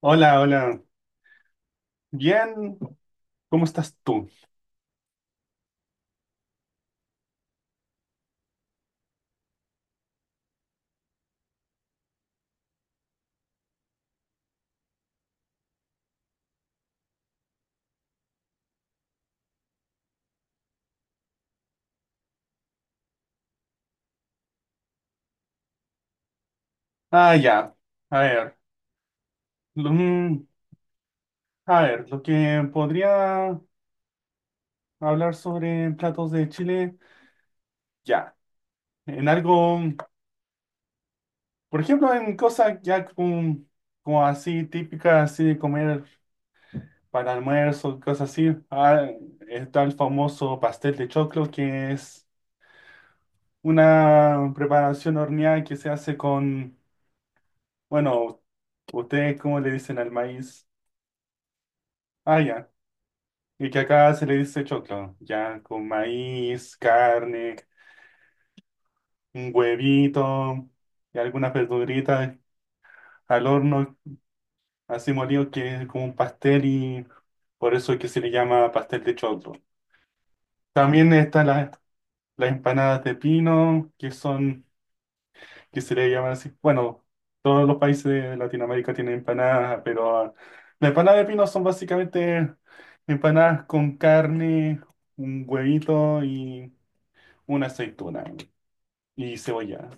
Hola, hola. Bien, ¿cómo estás tú? Ah, ya. A ver, lo- mm, a ver, lo que podría hablar sobre platos de Chile, ya. En algo, por ejemplo, en cosas ya como, como así típicas, así de comer para almuerzo, cosas así. Ah, está el famoso pastel de choclo, que es una preparación horneada que se hace con, bueno, ¿ustedes cómo le dicen al maíz? Ah, ya. Y que acá se le dice choclo, ya con maíz, carne, un huevito y algunas verduritas al horno, así molido que es como un pastel y por eso es que se le llama pastel de choclo. También están las empanadas de pino, que son, que se le llaman así, bueno, todos los países de Latinoamérica tienen empanadas, pero las empanadas de pino son básicamente empanadas con carne, un huevito y una aceituna. Y cebolla.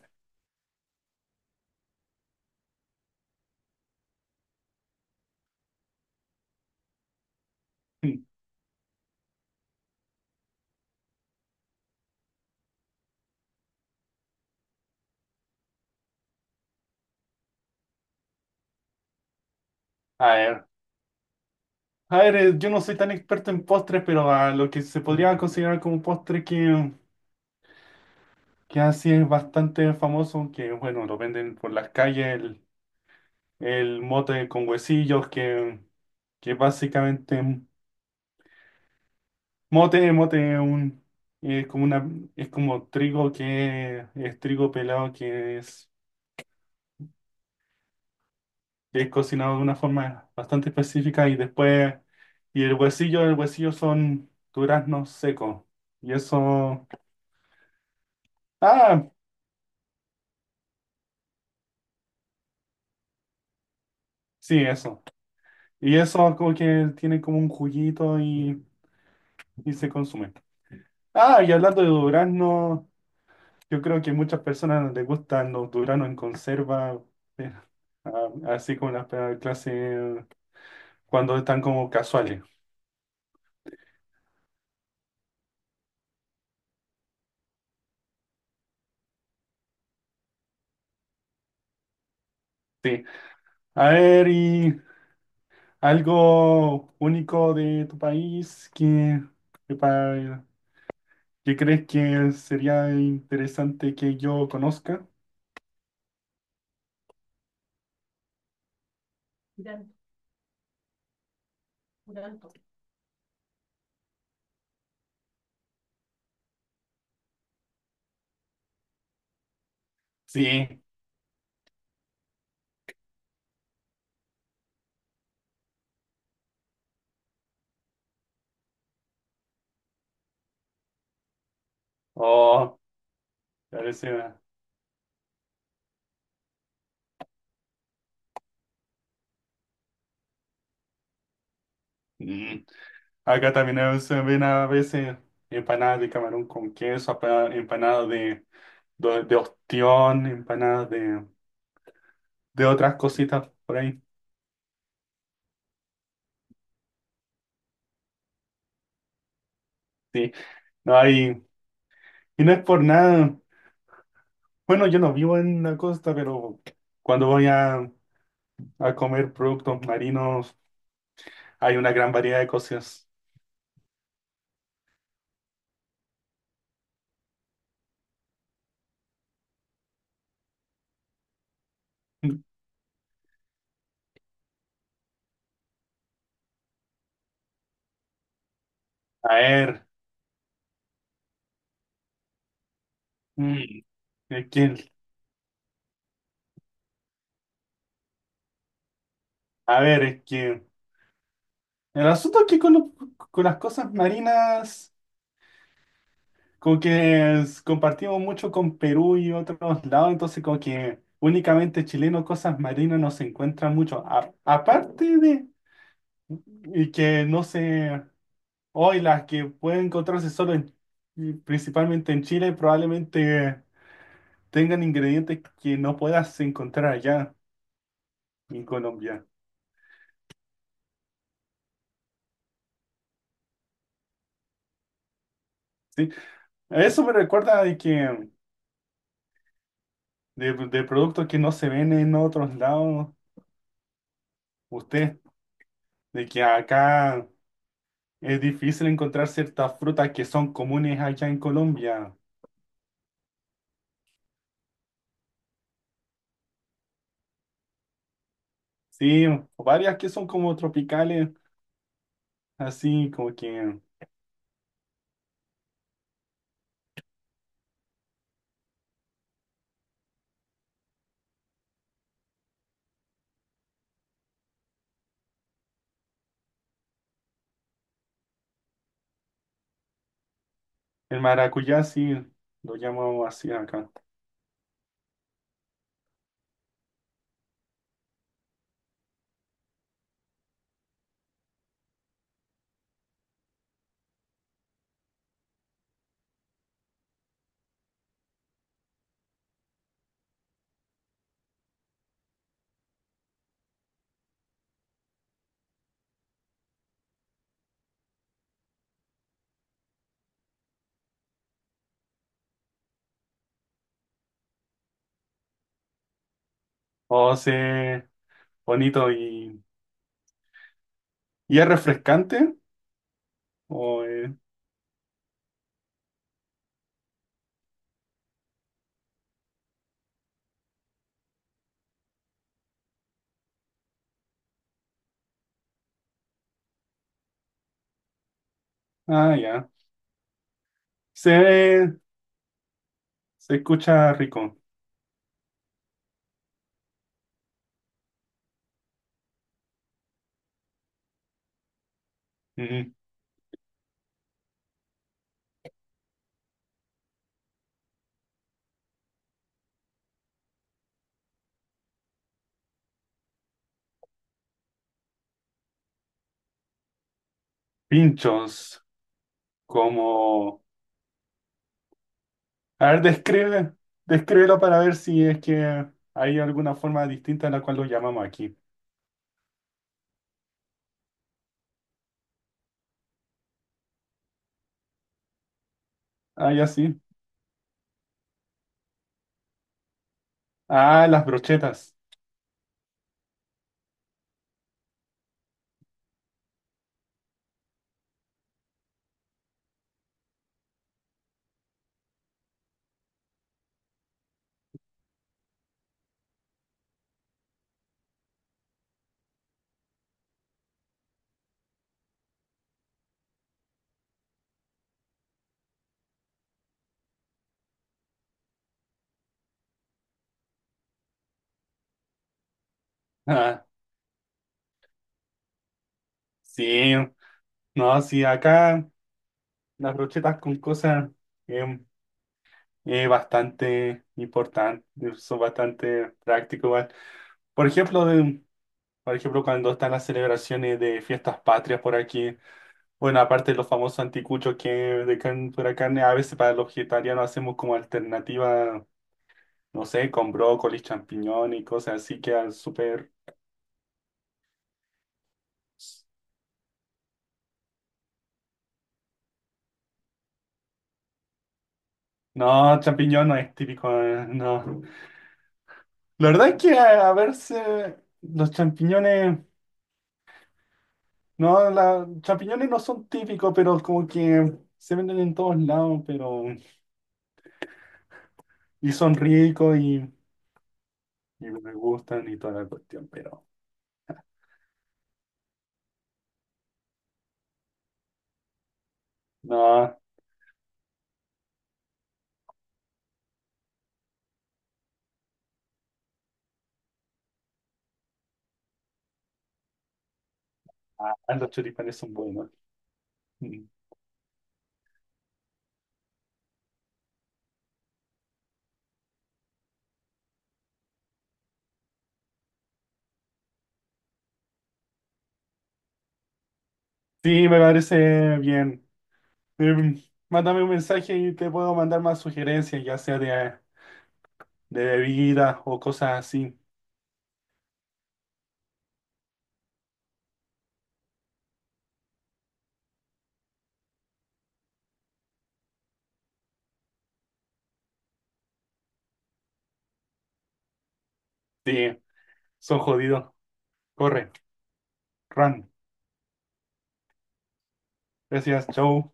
A ver. A ver, yo no soy tan experto en postres, pero a lo que se podría considerar como postre que así es bastante famoso, que bueno, lo venden por las calles, el mote con huesillos, que básicamente mote es un, es como una, es como trigo que es trigo pelado que es cocinado de una forma bastante específica y después, y el huesillo son duraznos secos. Y eso, ah, sí, eso. Y eso como que tiene como un juguito y se consume. Ah, y hablando de duraznos, yo creo que muchas personas les gustan los duraznos en conserva, eh, así como la clase cuando están como casuales. Sí. A ver, y ¿algo único de tu país que, que, pa- que crees que sería interesante que yo conozca? Sí. Oh, a veces. mm, Acá también a veces se ven a veces empanadas de camarón con queso, empanadas de, de ostión, empanadas de otras cositas por ahí. Sí. No hay. Y no es por nada. Bueno, yo no vivo en la costa, pero cuando voy a comer productos marinos. Hay una gran variedad de cosas. A ver, mm, es que, a ver, es que el asunto es que con las cosas marinas, como que compartimos mucho con Perú y otros lados, entonces como que únicamente chileno cosas marinas no se encuentran mucho. Aparte de y que no sé, hoy las que pueden encontrarse solo en, principalmente en Chile, probablemente tengan ingredientes que no puedas encontrar allá en Colombia. ¿Sí? Eso me recuerda de que de productos que no se ven en otros lados, usted, de que acá es difícil encontrar ciertas frutas que son comunes allá en Colombia. Sí, varias que son como tropicales, así como que el maracuyá, sí, lo llamamos así acá. O sea, bonito y es refrescante. O, ah, ya. Se, se escucha rico. Ujú. Pinchos como A ver, describe, descríbelo para ver si es que hay alguna forma distinta en la cual lo llamamos aquí. Ah, ya sí. Ah, las brochetas. Ah, sí. No, sí, acá las brochetas con cosas eh, es bastante importante, son bastante prácticos igual. Por ejemplo, por ejemplo, cuando están las celebraciones de fiestas patrias por aquí, bueno, aparte de los famosos anticuchos que de carne, pura carne, a veces para los vegetarianos hacemos como alternativa no sé, con brócoli, champiñón y cosas así quedan súper No, champiñón no es típico, no. La verdad es que a verse los champiñones, no, la, champiñones no son típicos, pero como que se venden en todos lados, pero Y son ricos y me gustan y toda la cuestión, pero No, ah, los choripanes son buenos. Mm. Sí, me parece bien. Em, mándame un mensaje y te puedo mandar más sugerencias, ya sea de bebida o cosas así. Sí, son jodidos. Corre, run. Gracias, chau.